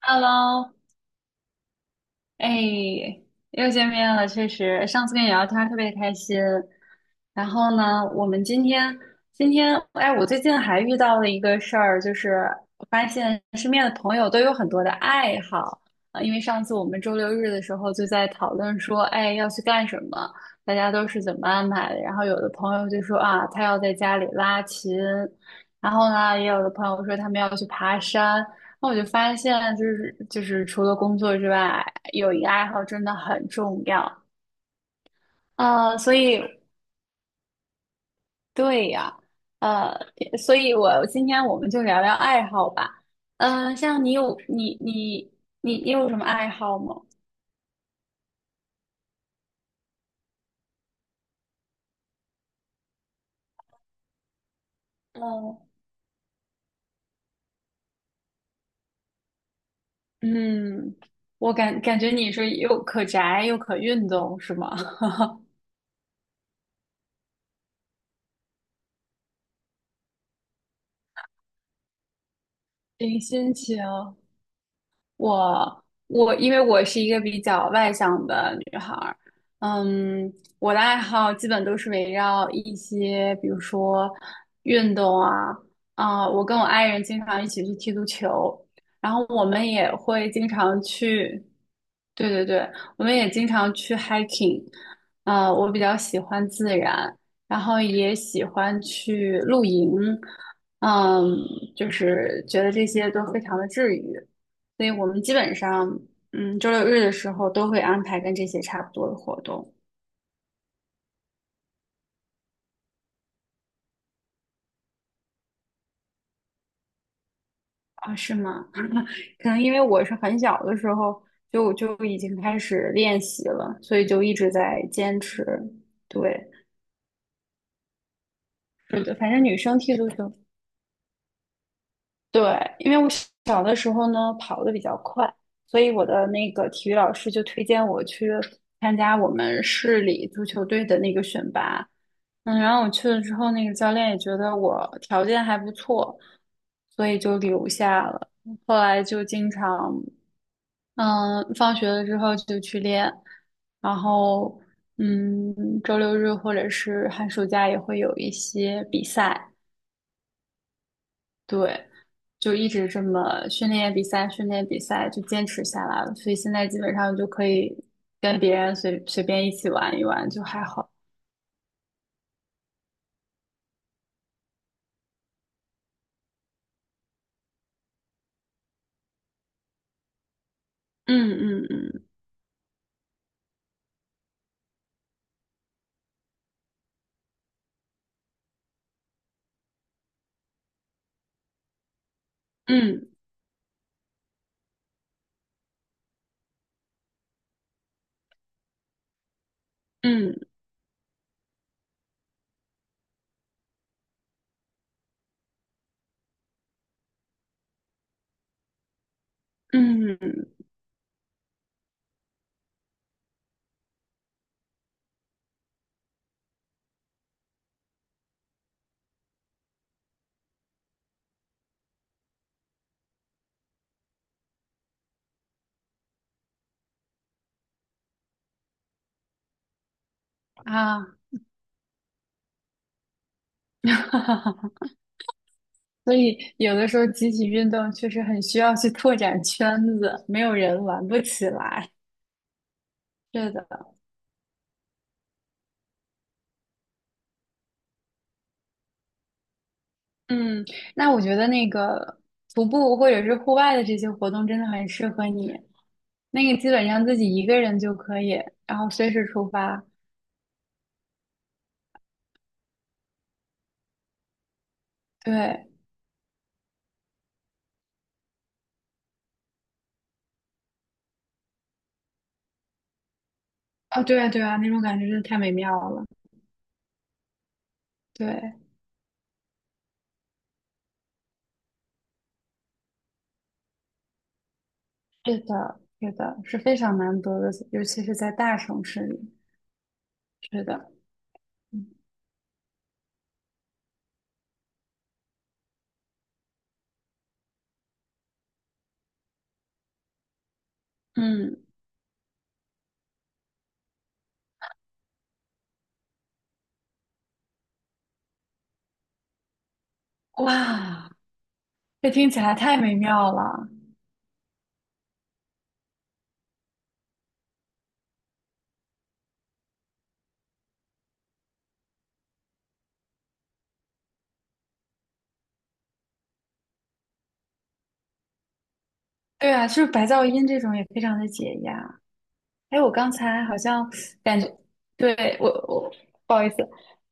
Hello,哎，又见面了，确实，上次跟你聊天儿特别开心。然后呢，我们今天，哎，我最近还遇到了一个事儿，就是我发现身边的朋友都有很多的爱好啊，因为上次我们周六日的时候就在讨论说，哎，要去干什么，大家都是怎么安排的。然后有的朋友就说啊，他要在家里拉琴，然后呢，也有的朋友说他们要去爬山。那我就发现，就是除了工作之外，有一个爱好真的很重要。啊，所以对呀，呃，所以今天我们就聊聊爱好吧。嗯、像你有你你你你有什么爱好吗？嗯嗯，我感觉你是又可宅又可运动，是吗？零心情。我因为我是一个比较外向的女孩儿，嗯，我的爱好基本都是围绕一些，比如说运动啊，啊、我跟我爱人经常一起去踢足球，然后我们也会经常去，对对对，我们也经常去 hiking,啊、我比较喜欢自然，然后也喜欢去露营，嗯，就是觉得这些都非常的治愈。所以我们基本上，嗯，周六日的时候都会安排跟这些差不多的活动啊，是吗？可能因为我是很小的时候就已经开始练习了，所以就一直在坚持。对，是的，反正女生踢足球对，因为我小的时候呢跑得比较快，所以我的那个体育老师就推荐我去参加我们市里足球队的那个选拔。嗯，然后我去了之后，那个教练也觉得我条件还不错，所以就留下了。后来就经常，嗯，放学了之后就去练，然后，嗯，周六日或者是寒暑假也会有一些比赛。对，就一直这么训练比赛，训练比赛就坚持下来了，所以现在基本上就可以跟别人随随便一起玩一玩，就还好。嗯嗯嗯嗯嗯嗯啊，所以有的时候集体运动确实很需要去拓展圈子，没有人玩不起来。是的。嗯，那我觉得那个徒步或者是户外的这些活动真的很适合你，那个基本上自己一个人就可以，然后随时出发。对，啊，对啊，对啊，那种感觉真的太美妙了。对，是的，是的，是非常难得的，尤其是在大城市里。是的，嗯，哇，这听起来太美妙了。对啊，就是白噪音这种也非常的解压。哎，我刚才好像感觉，对，我不好意思，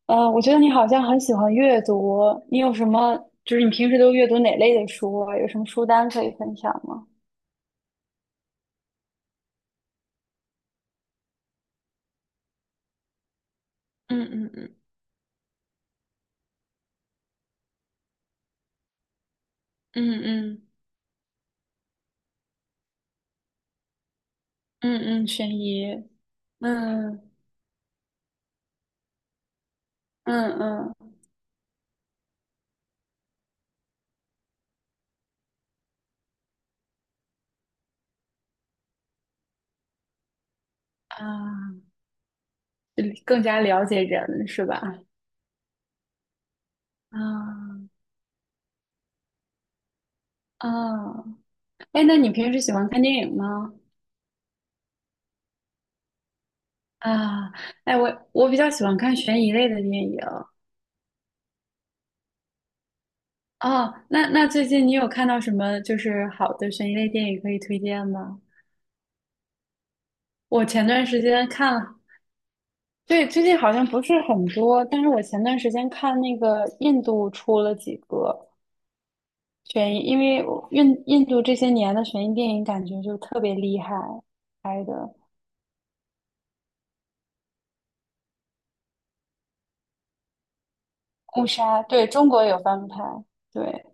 我觉得你好像很喜欢阅读，你有什么，就是你平时都阅读哪类的书啊？有什么书单可以分享吗？嗯嗯嗯嗯嗯嗯嗯，悬疑，嗯嗯嗯，啊，更加了解人是吧？啊啊，哎，那你平时喜欢看电影吗？啊，哎，我比较喜欢看悬疑类的电影，哦，那那最近你有看到什么就是好的悬疑类电影可以推荐吗？我前段时间看了，对，最近好像不是很多，但是我前段时间看那个印度出了几个悬疑，因为我印度这些年的悬疑电影感觉就特别厉害拍的《误杀》，对，中国有翻拍，对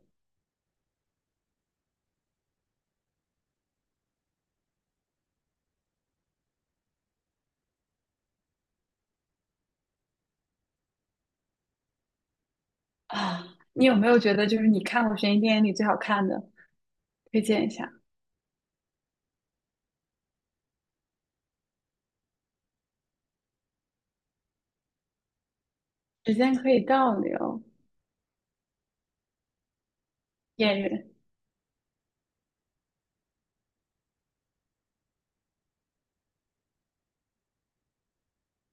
啊，你有没有觉得就是你看过悬疑电影里最好看的？推荐一下，时间可以倒流，演员。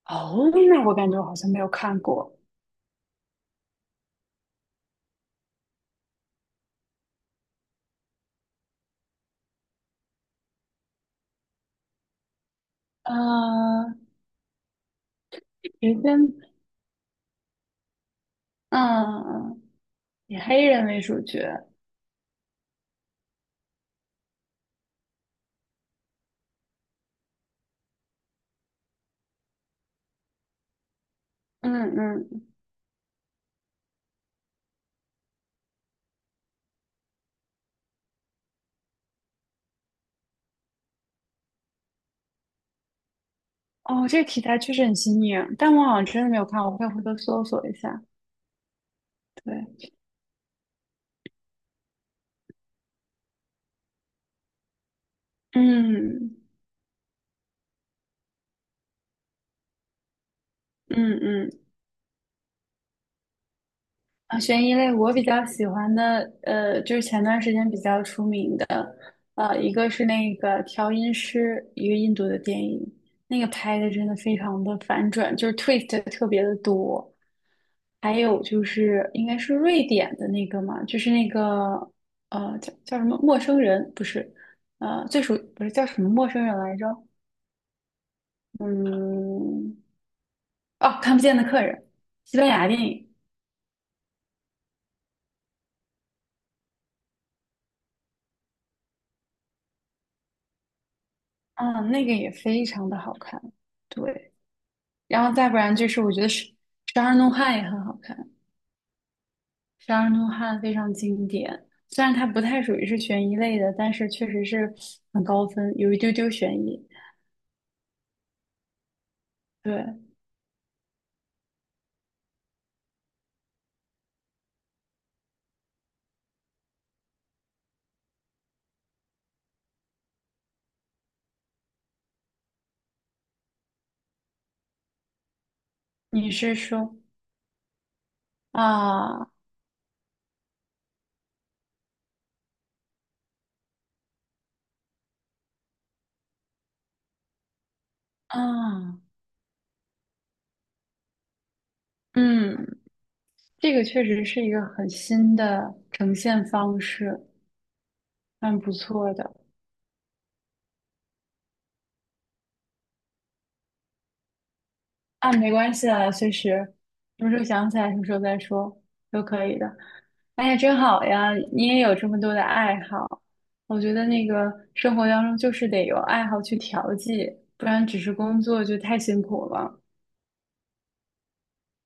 哦，那我感觉我好像没有看过。呃，谁先？嗯，以黑人为主角。嗯嗯。哦，这个题材确实很新颖，但我好像真的没有看，我以回头搜索一下。对，嗯嗯嗯啊，悬疑类我比较喜欢的，呃，就是前段时间比较出名的，呃，一个是那个《调音师》，一个印度的电影，那个拍的真的非常的反转，就是 twist 特别的多。还有就是应该是瑞典的那个嘛，就是那个呃叫什么陌生人，不是，呃最熟不是叫什么陌生人来着？嗯，哦，看不见的客人，西班牙电影，嗯，那个也非常的好看，对。然后再不然就是我觉得是《十二怒汉》也很好看，《十二怒汉》非常经典。虽然它不太属于是悬疑类的，但是确实是很高分，有一丢丢悬疑。对，你是说啊啊嗯，这个确实是一个很新的呈现方式，蛮不错的。啊，没关系啊，随时，什么时候想起来什么时候再说都可以的。哎呀，真好呀，你也有这么多的爱好。我觉得那个生活当中就是得有爱好去调剂，不然只是工作就太辛苦了。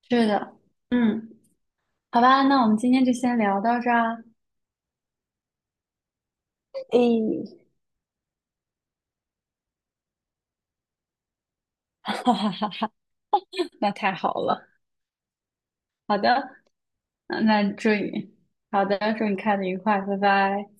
是的，嗯，好吧，那我们今天就先聊到这儿啊。诶，哈哈哈哈，那太好了。好的，嗯那祝你，好的，祝你看得愉快，拜拜。